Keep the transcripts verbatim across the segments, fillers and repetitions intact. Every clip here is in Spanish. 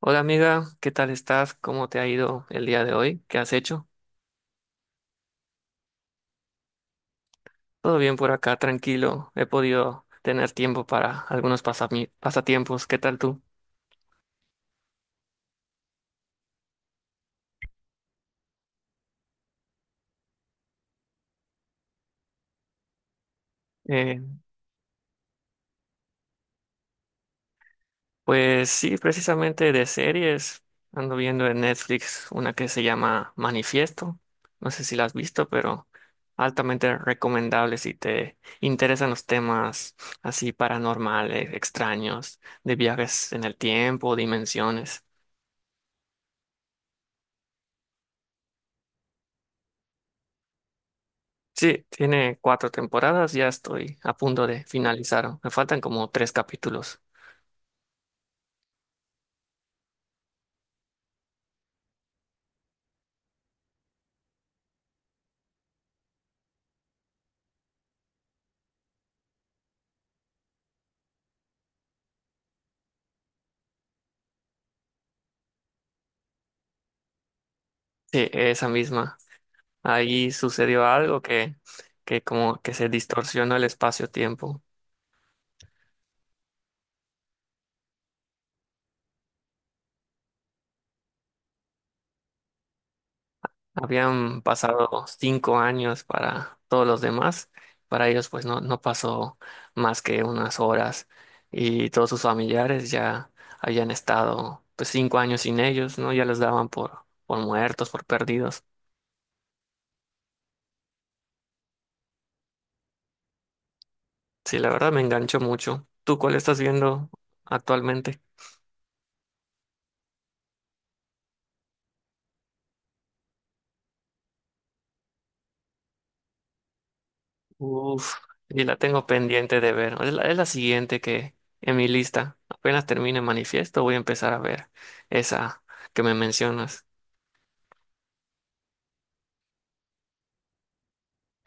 Hola amiga, ¿qué tal estás? ¿Cómo te ha ido el día de hoy? ¿Qué has hecho? Todo bien por acá, tranquilo. He podido tener tiempo para algunos pasami- pasatiempos. ¿Qué tal tú? Eh, pues sí, precisamente de series. Ando viendo en Netflix una que se llama Manifiesto. No sé si la has visto, pero altamente recomendable si te interesan los temas así paranormales, extraños, de viajes en el tiempo, dimensiones. Sí, tiene cuatro temporadas, ya estoy a punto de finalizar. Me faltan como tres capítulos. Sí, esa misma. Ahí sucedió algo que, que como que se distorsionó el espacio-tiempo. Habían pasado cinco años para todos los demás. Para ellos, pues no, no pasó más que unas horas. Y todos sus familiares ya habían estado pues cinco años sin ellos, ¿no? Ya los daban por, por muertos, por perdidos. Sí, la verdad me enganchó mucho. ¿Tú cuál estás viendo actualmente? Uf, y la tengo pendiente de ver. Es la, es la siguiente que en mi lista. Apenas termine Manifiesto, voy a empezar a ver esa que me mencionas.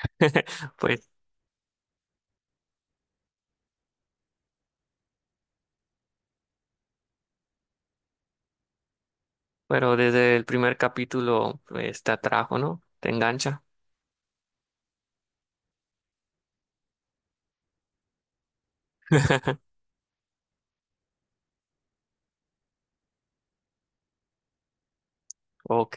Pues, pero desde el primer capítulo pues, te atrajo, ¿no? Te engancha. Ok.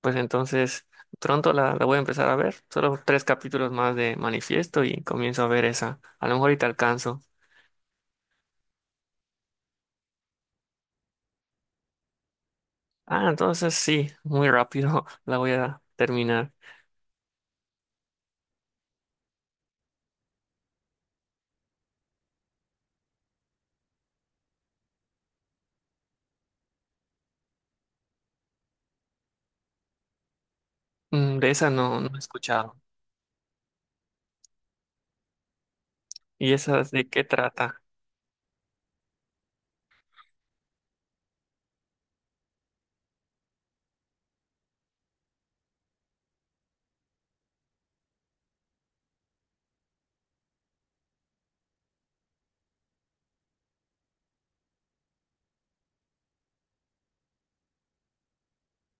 Pues entonces pronto la, la voy a empezar a ver. Solo tres capítulos más de Manifiesto y comienzo a ver esa. A lo mejor y te alcanzo. Ah, entonces sí, muy rápido la voy a terminar. Mm, de esa no, no he escuchado. ¿Y esa de qué trata?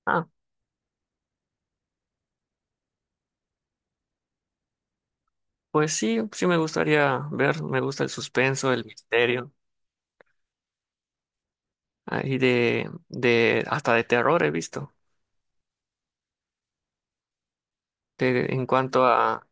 Ah, pues sí, sí me gustaría ver, me gusta el suspenso, el misterio, ah, y de, de, hasta de terror he visto. De- en cuanto a,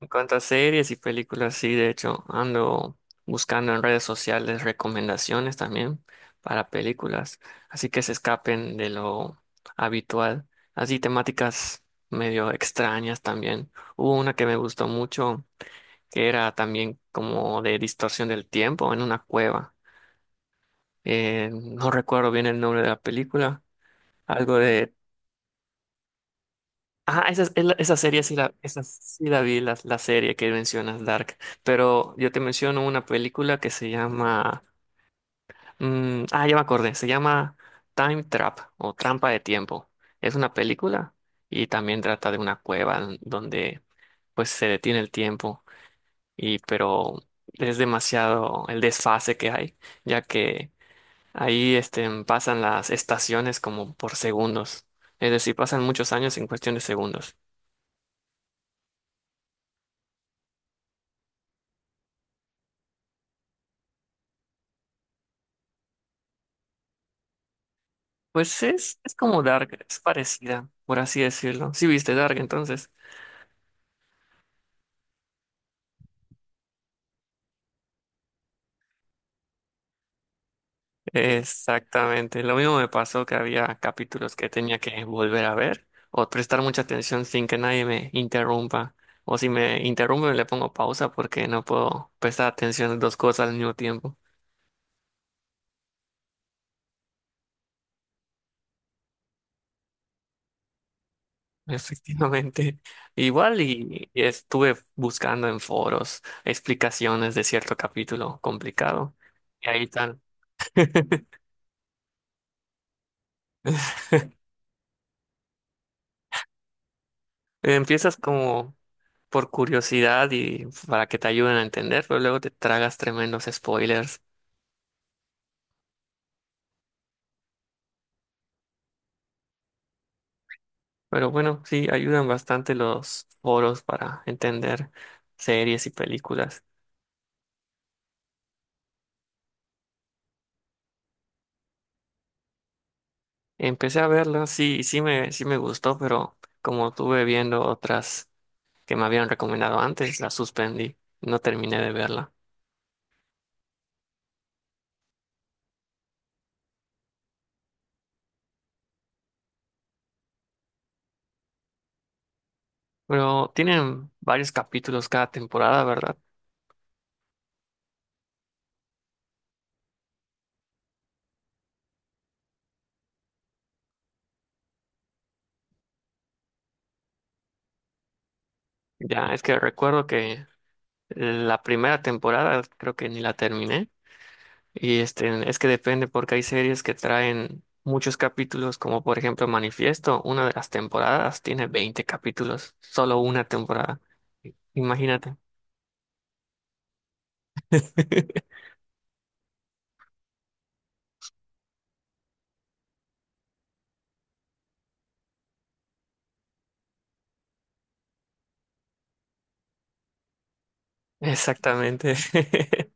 En cuanto a series y películas, sí, de hecho, ando buscando en redes sociales recomendaciones también para películas, así que se escapen de lo habitual. Así temáticas medio extrañas también. Hubo una que me gustó mucho, que era también como de distorsión del tiempo en una cueva. Eh, no recuerdo bien el nombre de la película, algo de... Ah, esa, es la- esa serie sí la, esa sí la vi, la, la serie que mencionas, Dark. Pero yo te menciono una película que se llama. mm, ah, ya me acordé. Se llama Time Trap o Trampa de Tiempo. Es una película y también trata de una cueva en donde pues se detiene el tiempo. Y pero es demasiado el desfase que hay, ya que ahí este, pasan las estaciones como por segundos. Es decir, pasan muchos años en cuestión de segundos. Pues es, es como Dark, es parecida, por así decirlo. Sí viste Dark entonces. Exactamente. Lo mismo me pasó que había capítulos que tenía que volver a ver o prestar mucha atención sin que nadie me interrumpa. O si me interrumpe le pongo pausa porque no puedo prestar atención a dos cosas al mismo tiempo. Efectivamente. Igual y, y estuve buscando en foros explicaciones de cierto capítulo complicado. Y ahí tal. Empiezas como por curiosidad y para que te ayuden a entender, pero luego te tragas tremendos spoilers. Pero bueno, sí, ayudan bastante los foros para entender series y películas. Empecé a verlas, sí, sí me, sí me gustó, pero como estuve viendo otras que me habían recomendado antes, la suspendí, no terminé de verla. Pero tienen varios capítulos cada temporada, ¿verdad? Ya, es que recuerdo que la primera temporada creo que ni la terminé. Y este, es que depende porque hay series que traen muchos capítulos, como por ejemplo Manifiesto, una de las temporadas tiene veinte capítulos, solo una temporada. Imagínate. Exactamente.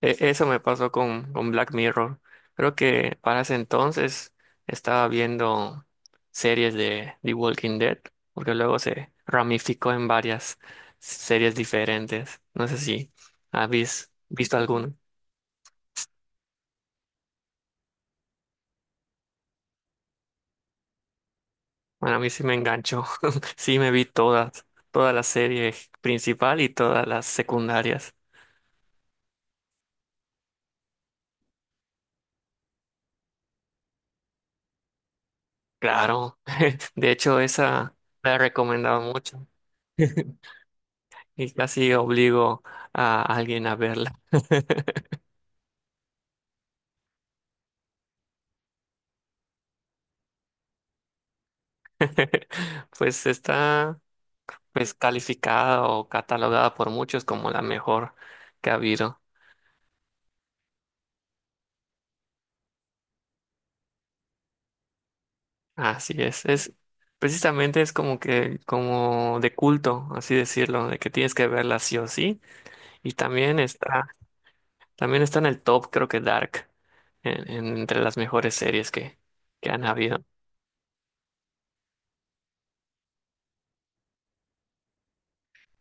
E- Eso me pasó con, con Black Mirror. Creo que para ese entonces estaba viendo series de The Walking Dead, porque luego se ramificó en varias series diferentes. No sé si habéis visto alguna. Bueno, a mí sí me enganchó. Sí, me vi todas, toda la serie principal y todas las secundarias. Claro. De hecho, esa la he recomendado mucho. Y casi obligo a alguien a verla. Pues está pues calificada o catalogada por muchos como la mejor que ha habido. Así es. Es precisamente es como que como de culto, así decirlo, de que tienes que verla sí o sí. Y también está. También está en el top, creo que Dark, en- en- entre las mejores series que, que han habido.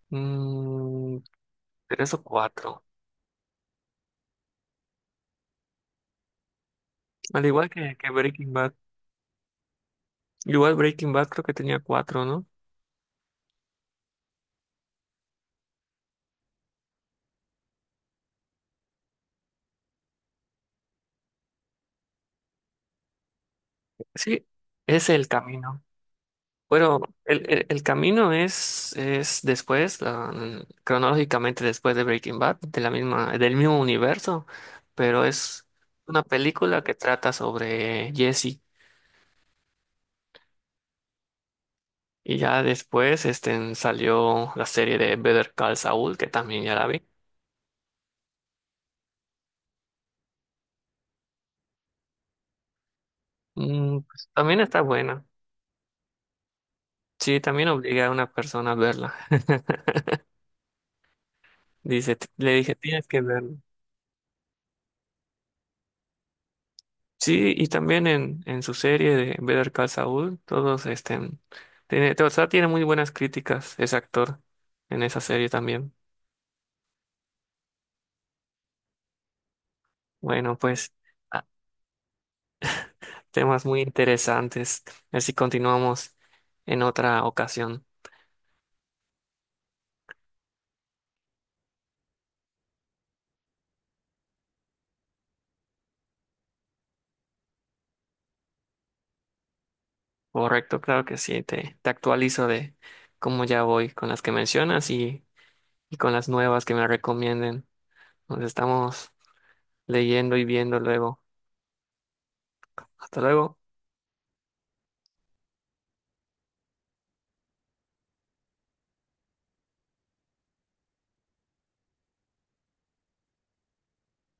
Mm, tres o cuatro. Al igual que, que Breaking Bad. Igual Breaking Bad creo que tenía cuatro, ¿no? Sí, es el camino. Bueno, el, el- el camino es, es después, ah, mm, cronológicamente después de Breaking Bad, de la misma, del mismo universo, pero es una película que trata sobre Jesse. Y ya después este, salió la serie de Better Call Saul, que también ya la vi. Mm, pues, también está buena. Sí, también obliga a una persona a verla. Dice, t- le dije, tienes que verlo. Sí, y también en, en su serie de Better Call Saul, todos este, tiene, o sea, tiene muy buenas críticas ese actor en esa serie también. Bueno, pues ah, temas muy interesantes. A ver si continuamos en otra ocasión. Correcto, claro que sí. Te, te actualizo de cómo ya voy con las que mencionas y, y con las nuevas que me recomienden. Nos estamos leyendo y viendo luego. Hasta luego.